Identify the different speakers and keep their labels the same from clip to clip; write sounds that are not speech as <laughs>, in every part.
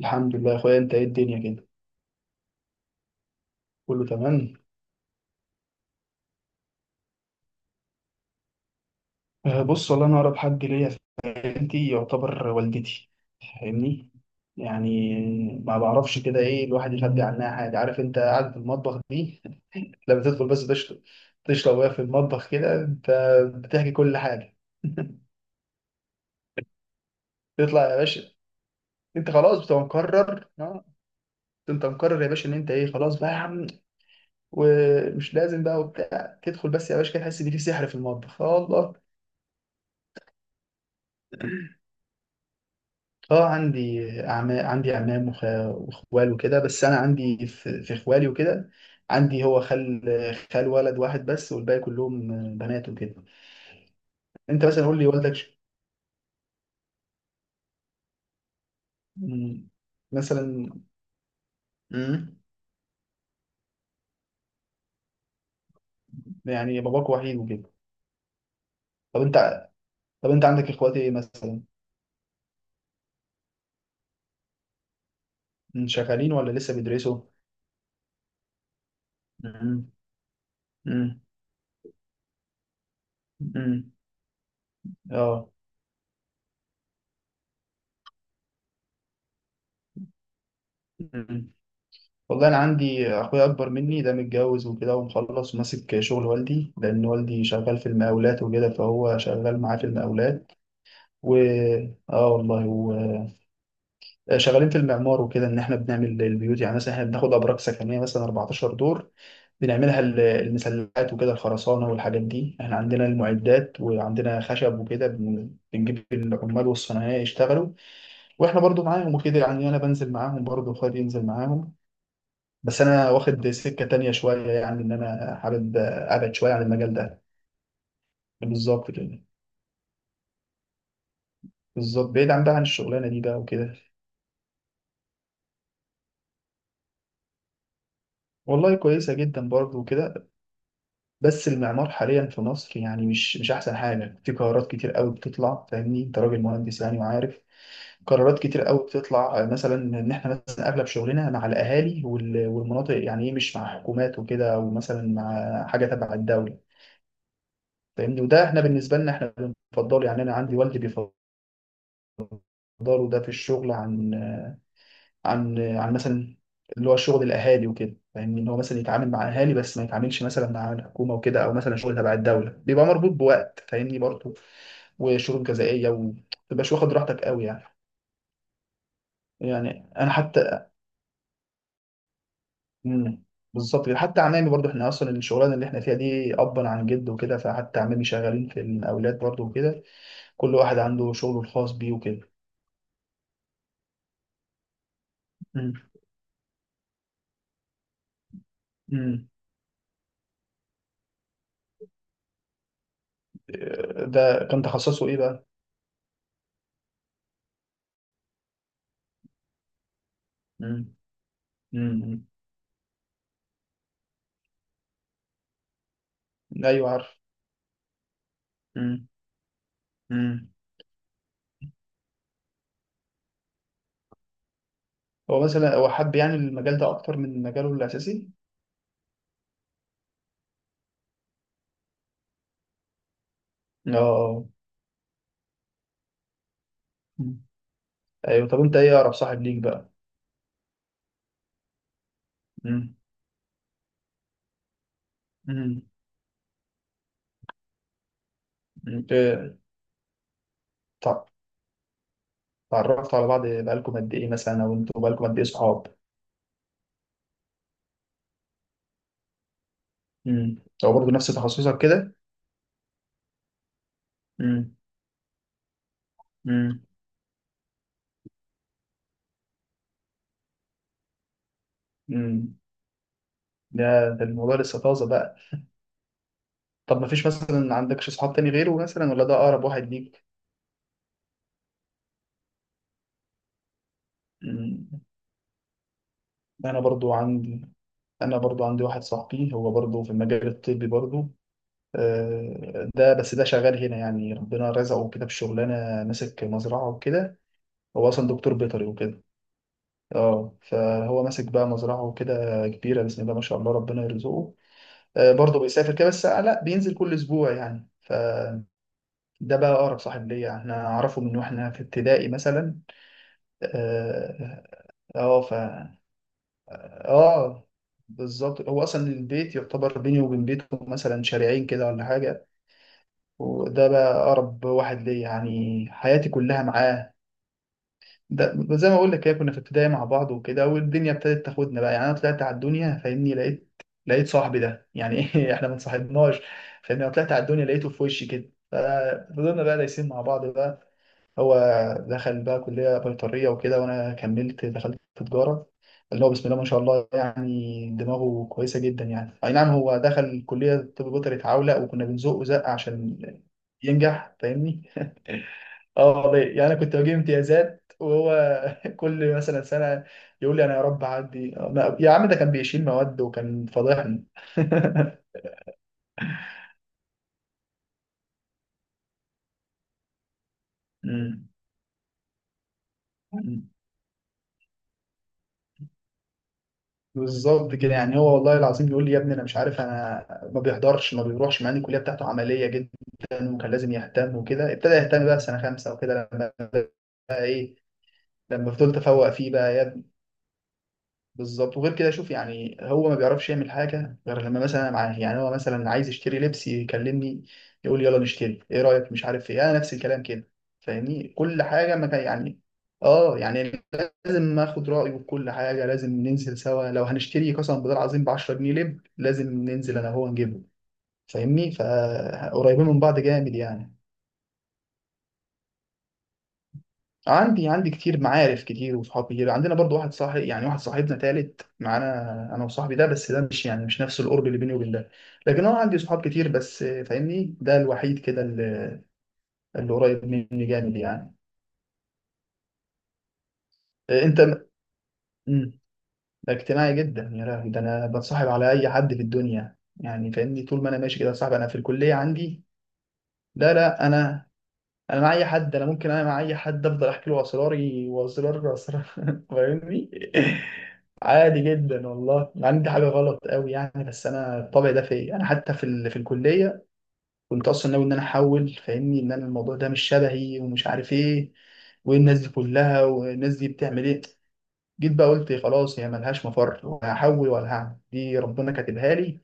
Speaker 1: الحمد لله يا اخويا، انت ايه الدنيا كده؟ كله تمام. بص والله انا اقرب حد ليا في حياتي يعتبر والدتي. فاهمني؟ يعني ما بعرفش كده ايه الواحد يخبي عنها حاجه. عارف انت قاعد في المطبخ دي <laughs> لما تدخل بس تشرب، تشرب وهي في المطبخ كده انت بتحكي كل حاجه <laughs> تطلع يا باشا. انت خلاص بتبقى مقرر. اه، انت مقرر يا باشا ان انت ايه خلاص بقى يا عم. ومش لازم بقى وبتاع، تدخل بس يا باشا كده تحس ان في سحر في المطبخ. الله. اه عندي أعمام، عندي أعمام وإخوال وكده. بس أنا عندي في إخوالي وكده. عندي هو خال. خال ولد واحد بس والباقي كلهم بنات وكده. أنت مثلا قول لي والدك مم، مثلا، مم، يعني باباك وحيد وكده. طب أنت، طب أنت عندك إخوات إيه مثلا؟ مم، شغالين ولا لسه بيدرسوا؟ مم. مم. مم. اه والله انا عندي اخويا اكبر مني ده متجوز وكده، ومخلص وماسك شغل والدي، لان والدي شغال في المقاولات وكده، فهو شغال معاه في المقاولات. و... اه والله و... شغالين في المعمار وكده، ان احنا بنعمل البيوت. يعني مثلا احنا بناخد ابراج سكنيه مثلا 14 دور، بنعملها المسلات وكده، الخرسانه والحاجات دي. احنا عندنا المعدات وعندنا خشب وكده. بنجيب العمال والصنايعيه يشتغلوا. واحنا برضو معاهم وكده يعني، انا بنزل معاهم، برضو اخويا ينزل معاهم. بس انا واخد سكه تانية شويه، يعني ان انا حابب ابعد شويه عن المجال ده. بالظبط كده. بالظبط، بعيد عن بقى عن الشغلانه دي بقى وكده. والله كويسه جدا برضه وكده. بس المعمار حاليا في مصر يعني مش احسن حاجه. في قرارات كتير قوي بتطلع، فاهمني انت راجل مهندس يعني وعارف. قرارات كتير قوي بتطلع، مثلا ان احنا مثلا اغلب شغلنا مع الاهالي والمناطق، يعني ايه مش مع حكومات وكده، او مثلا مع حاجه تبع الدوله. فاهمني، وده احنا بالنسبه لنا احنا بنفضله. يعني انا عندي والدي بيفضل إقداره ده في الشغل، عن عن مثلا اللي هو شغل الأهالي وكده. فاهمني، إن هو مثلا يتعامل مع أهالي بس ما يتعاملش مثلا مع الحكومة وكده، أو مثلا شغل تبع الدولة بيبقى مربوط بوقت، فاهمني برضه، وشروط جزائية، وما تبقاش واخد راحتك قوي يعني. يعني أنا حتى مم. بالظبط كده. حتى عمامي برضه، احنا اصلا الشغلانه اللي احنا فيها دي ابا عن جد وكده. فحتى عمامي شغالين في المقاولات برضه وكده. كل واحد عنده شغله الخاص بيه وكده. مم. مم. ده كان تخصصه ايه بقى؟ مم. امم. ايوه عارف. امم. امم. هو مثلا هو حب يعني المجال ده اكتر من مجاله الاساسي؟ اه، آه. مم. ايوه. طب انت ايه اقرب صاحب ليك بقى؟ امم. امم. انت تع- اتعرفتوا على بعض بقالكم قد ايه مثلا، او انتوا بقالكم قد ايه صحاب؟ امم. هو برضه نفس تخصصك كده؟ امم. امم. امم. ده، ده الموضوع لسه طازه بقى. طب ما فيش مثلا عندكش صحاب تاني غيره مثلا، ولا ده اقرب واحد ليك؟ امم. انا برضو عندي انا برضو عندي واحد صاحبي، هو برضو في المجال الطبي برضو. ده بس ده شغال هنا، يعني ربنا رزقه كده بشغلانه، ماسك مزرعه وكده. هو اصلا دكتور بيطري وكده. اه فهو ماسك بقى مزرعه وكده كبيره، بسم الله ما شاء الله ربنا يرزقه. برضو بيسافر كده، بس لا بينزل كل اسبوع يعني. فده بقى اقرب صاحب ليا، احنا اعرفه من واحنا في ابتدائي مثلا. اه، آه، ف اه بالظبط. هو اصلا البيت يعتبر بيني وبين بيته مثلا شارعين كده ولا حاجه. وده بقى أقرب واحد ليا، يعني حياتي كلها معاه. ده زي ما أقول لك كده، كنا في ابتدائي مع بعض وكده، والدنيا ابتدت تاخدنا بقى. يعني أنا طلعت على الدنيا فاهمني، لقيت صاحبي ده. يعني <laughs> إيه، إحنا ما اتصاحبناش. فاهمني، أنا طلعت على الدنيا لقيته في وشي كده، ففضلنا بقى دايسين مع بعض بقى. هو دخل بقى كلية بيطرية وكده، وأنا كملت دخلت في تجارة. اللي هو بسم الله ما شاء الله، يعني دماغه كويسة جدا. يعني أي نعم، هو دخل كلية طب بيطري اتعولق، وكنا بنزقه زق عشان ينجح فاهمني. اه والله، يعني أنا كنت بجيب امتيازات، وهو كل مثلا سنة يقول لي أنا يا رب أعدي. يا عم ده كان بيشيل مواد وكان فضحني <laughs> مم. بالظبط كده. يعني هو والله العظيم بيقول لي يا ابني انا مش عارف انا، ما بيحضرش، ما بيروحش، مع ان الكليه بتاعته عمليه جدا وكان لازم يهتم وكده. ابتدى يهتم بقى في سنه خمسه وكده لما بقى ايه، لما فضلت افوق فيه بقى. بالظبط. وغير كده شوف، يعني هو ما بيعرفش يعمل حاجه غير لما مثلا أنا معاه. يعني هو مثلا عايز يشتري لبس، يكلمني يقول لي يلا نشتري، ايه رايك، مش عارف ايه. انا نفس الكلام كده فاهمني، كل حاجه، ما كان يعني، اه يعني لازم اخد رايه في كل حاجه، لازم ننزل سوا. لو هنشتري قسما بالله العظيم ب 10 جنيه لب، لازم ننزل انا وهو نجيبه فاهمني. فقريبين من بعض جامد يعني. عندي، عندي كتير، معارف كتير وصحاب كتير. عندنا برضو واحد صاحب يعني، واحد صاحبنا تالت معانا انا وصاحبي ده، بس ده مش يعني مش نفس القرب اللي بيني وبين ده. لكن انا عندي صحاب كتير، بس فاهمني ده الوحيد كده اللي قريب مني جامد يعني. آه، انت م- مم، ده اجتماعي جدا يا لهوي. ده انا بتصاحب على اي حد في الدنيا يعني فاهمني، طول ما انا ماشي كده صاحب، انا في الكلية عندي. لا لا، انا، انا مع اي حد، انا ممكن انا مع اي حد افضل احكي له اسراري، واسرار اسرار <laughs> فاهمني، عادي جدا والله، ما عندي حاجه غلط قوي يعني. بس انا الطبع ده فيا، انا حتى في في الكليه كنت اصلا ناوي ان انا احول فاهمني، ان انا الموضوع ده مش شبهي، ومش عارف ايه، وايه الناس دي كلها، والناس دي بتعمل ايه. جيت بقى قلت خلاص، هي ملهاش مفر، لا هحول ولا هعمل، دي ربنا كاتبها لي،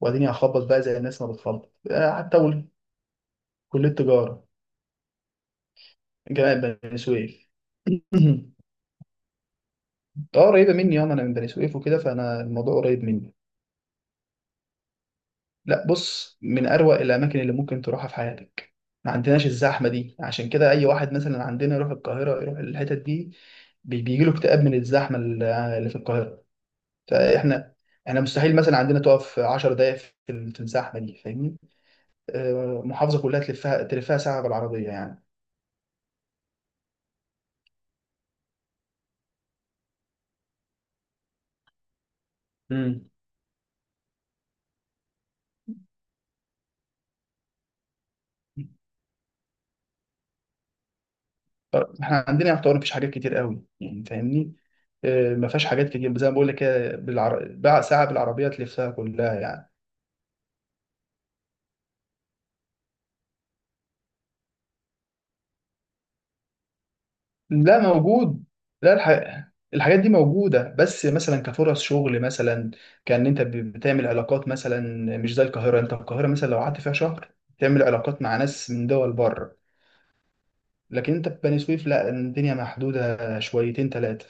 Speaker 1: واديني هخبط بقى زي الناس ما بتخبط. حتى أقول، كليه تجاره، جامعه بني سويف. <laughs> اه قريبه مني، انا، انا من بني سويف وكده، فانا الموضوع قريب مني. لا بص، من اروق الاماكن اللي ممكن تروحها في حياتك. ما عندناش الزحمه دي، عشان كده اي واحد مثلا عندنا يروح القاهره، يروح الحتت دي، بيجي له اكتئاب من الزحمه اللي في القاهره. فاحنا، احنا مستحيل مثلا عندنا تقف 10 دقائق في الزحمه دي فاهمني. محافظه كلها تلفها تلفها ساعه بالعربيه يعني. امم. احنا عندنا يعتبر مفيش حاجات كتير قوي يعني فاهمني. ما فيهاش حاجات كتير زي ما بقول لك كده، بقى ساعه بالعربيه تلفها كلها يعني. لا موجود. لا، الحاجات دي موجوده. بس مثلا كفرص شغل مثلا، كان انت بتعمل علاقات مثلا، مش زي القاهره. انت القاهره مثلا لو قعدت فيها شهر، تعمل علاقات مع ناس من دول بره. لكن انت في بني سويف لا، الدنيا محدوده شويتين ثلاثه.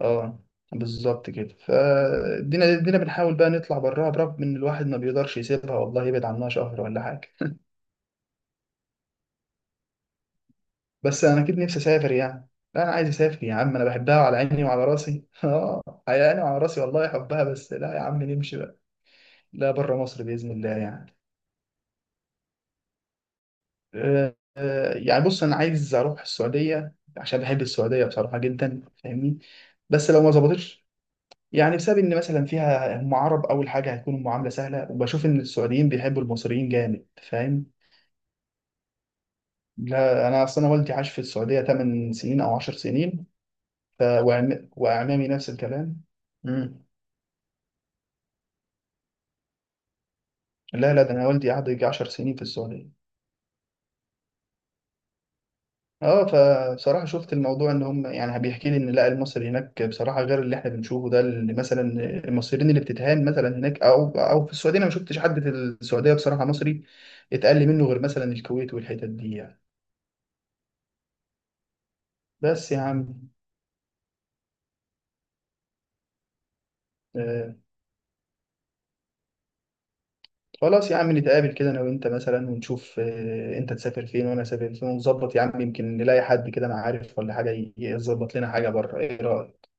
Speaker 1: اه بالظبط كده. فادينا، ادينا بنحاول بقى نطلع براها، برغم ان الواحد ما بيقدرش يسيبها والله، يبعد عنها شهر ولا حاجه. بس انا اكيد نفسي اسافر يعني. لا انا عايز اسافر يا عم، انا بحبها على عيني وعلى راسي <laughs> اه على عيني وعلى راسي والله احبها، بس لا يا عم، نمشي بقى. لا بره مصر باذن الله يعني. يعني بص انا عايز اروح السعوديه عشان بحب السعوديه بصراحه جدا فاهمني. بس لو ما ظبطتش، يعني بسبب ان مثلا فيها هم عرب اول حاجه، هيكون المعامله سهله، وبشوف ان السعوديين بيحبوا المصريين جامد، فاهم. لا انا اصل انا والدي عاش في السعوديه 8 سنين او 10 سنين، واعمامي نفس الكلام. مم. لا لا، ده انا والدي قعد يجي 10 سنين في السعوديه. اه، فبصراحه شفت الموضوع ان هم، يعني بيحكي لي ان لا المصري هناك بصراحه غير اللي احنا بنشوفه ده، اللي مثلا المصريين اللي بتتهان مثلا هناك، او في السعوديه، انا ما شفتش حد في السعوديه بصراحه مصري اتقل منه، غير مثلا الكويت والحتت دي يعني. بس يا عم. آه. خلاص يا عم نتقابل كده انا وانت مثلا ونشوف، آه انت تسافر فين وانا اسافر فين ونظبط، يا عم يمكن نلاقي حد كده انا عارف ولا حاجه، يظبط لنا حاجه بره. ايه رايك؟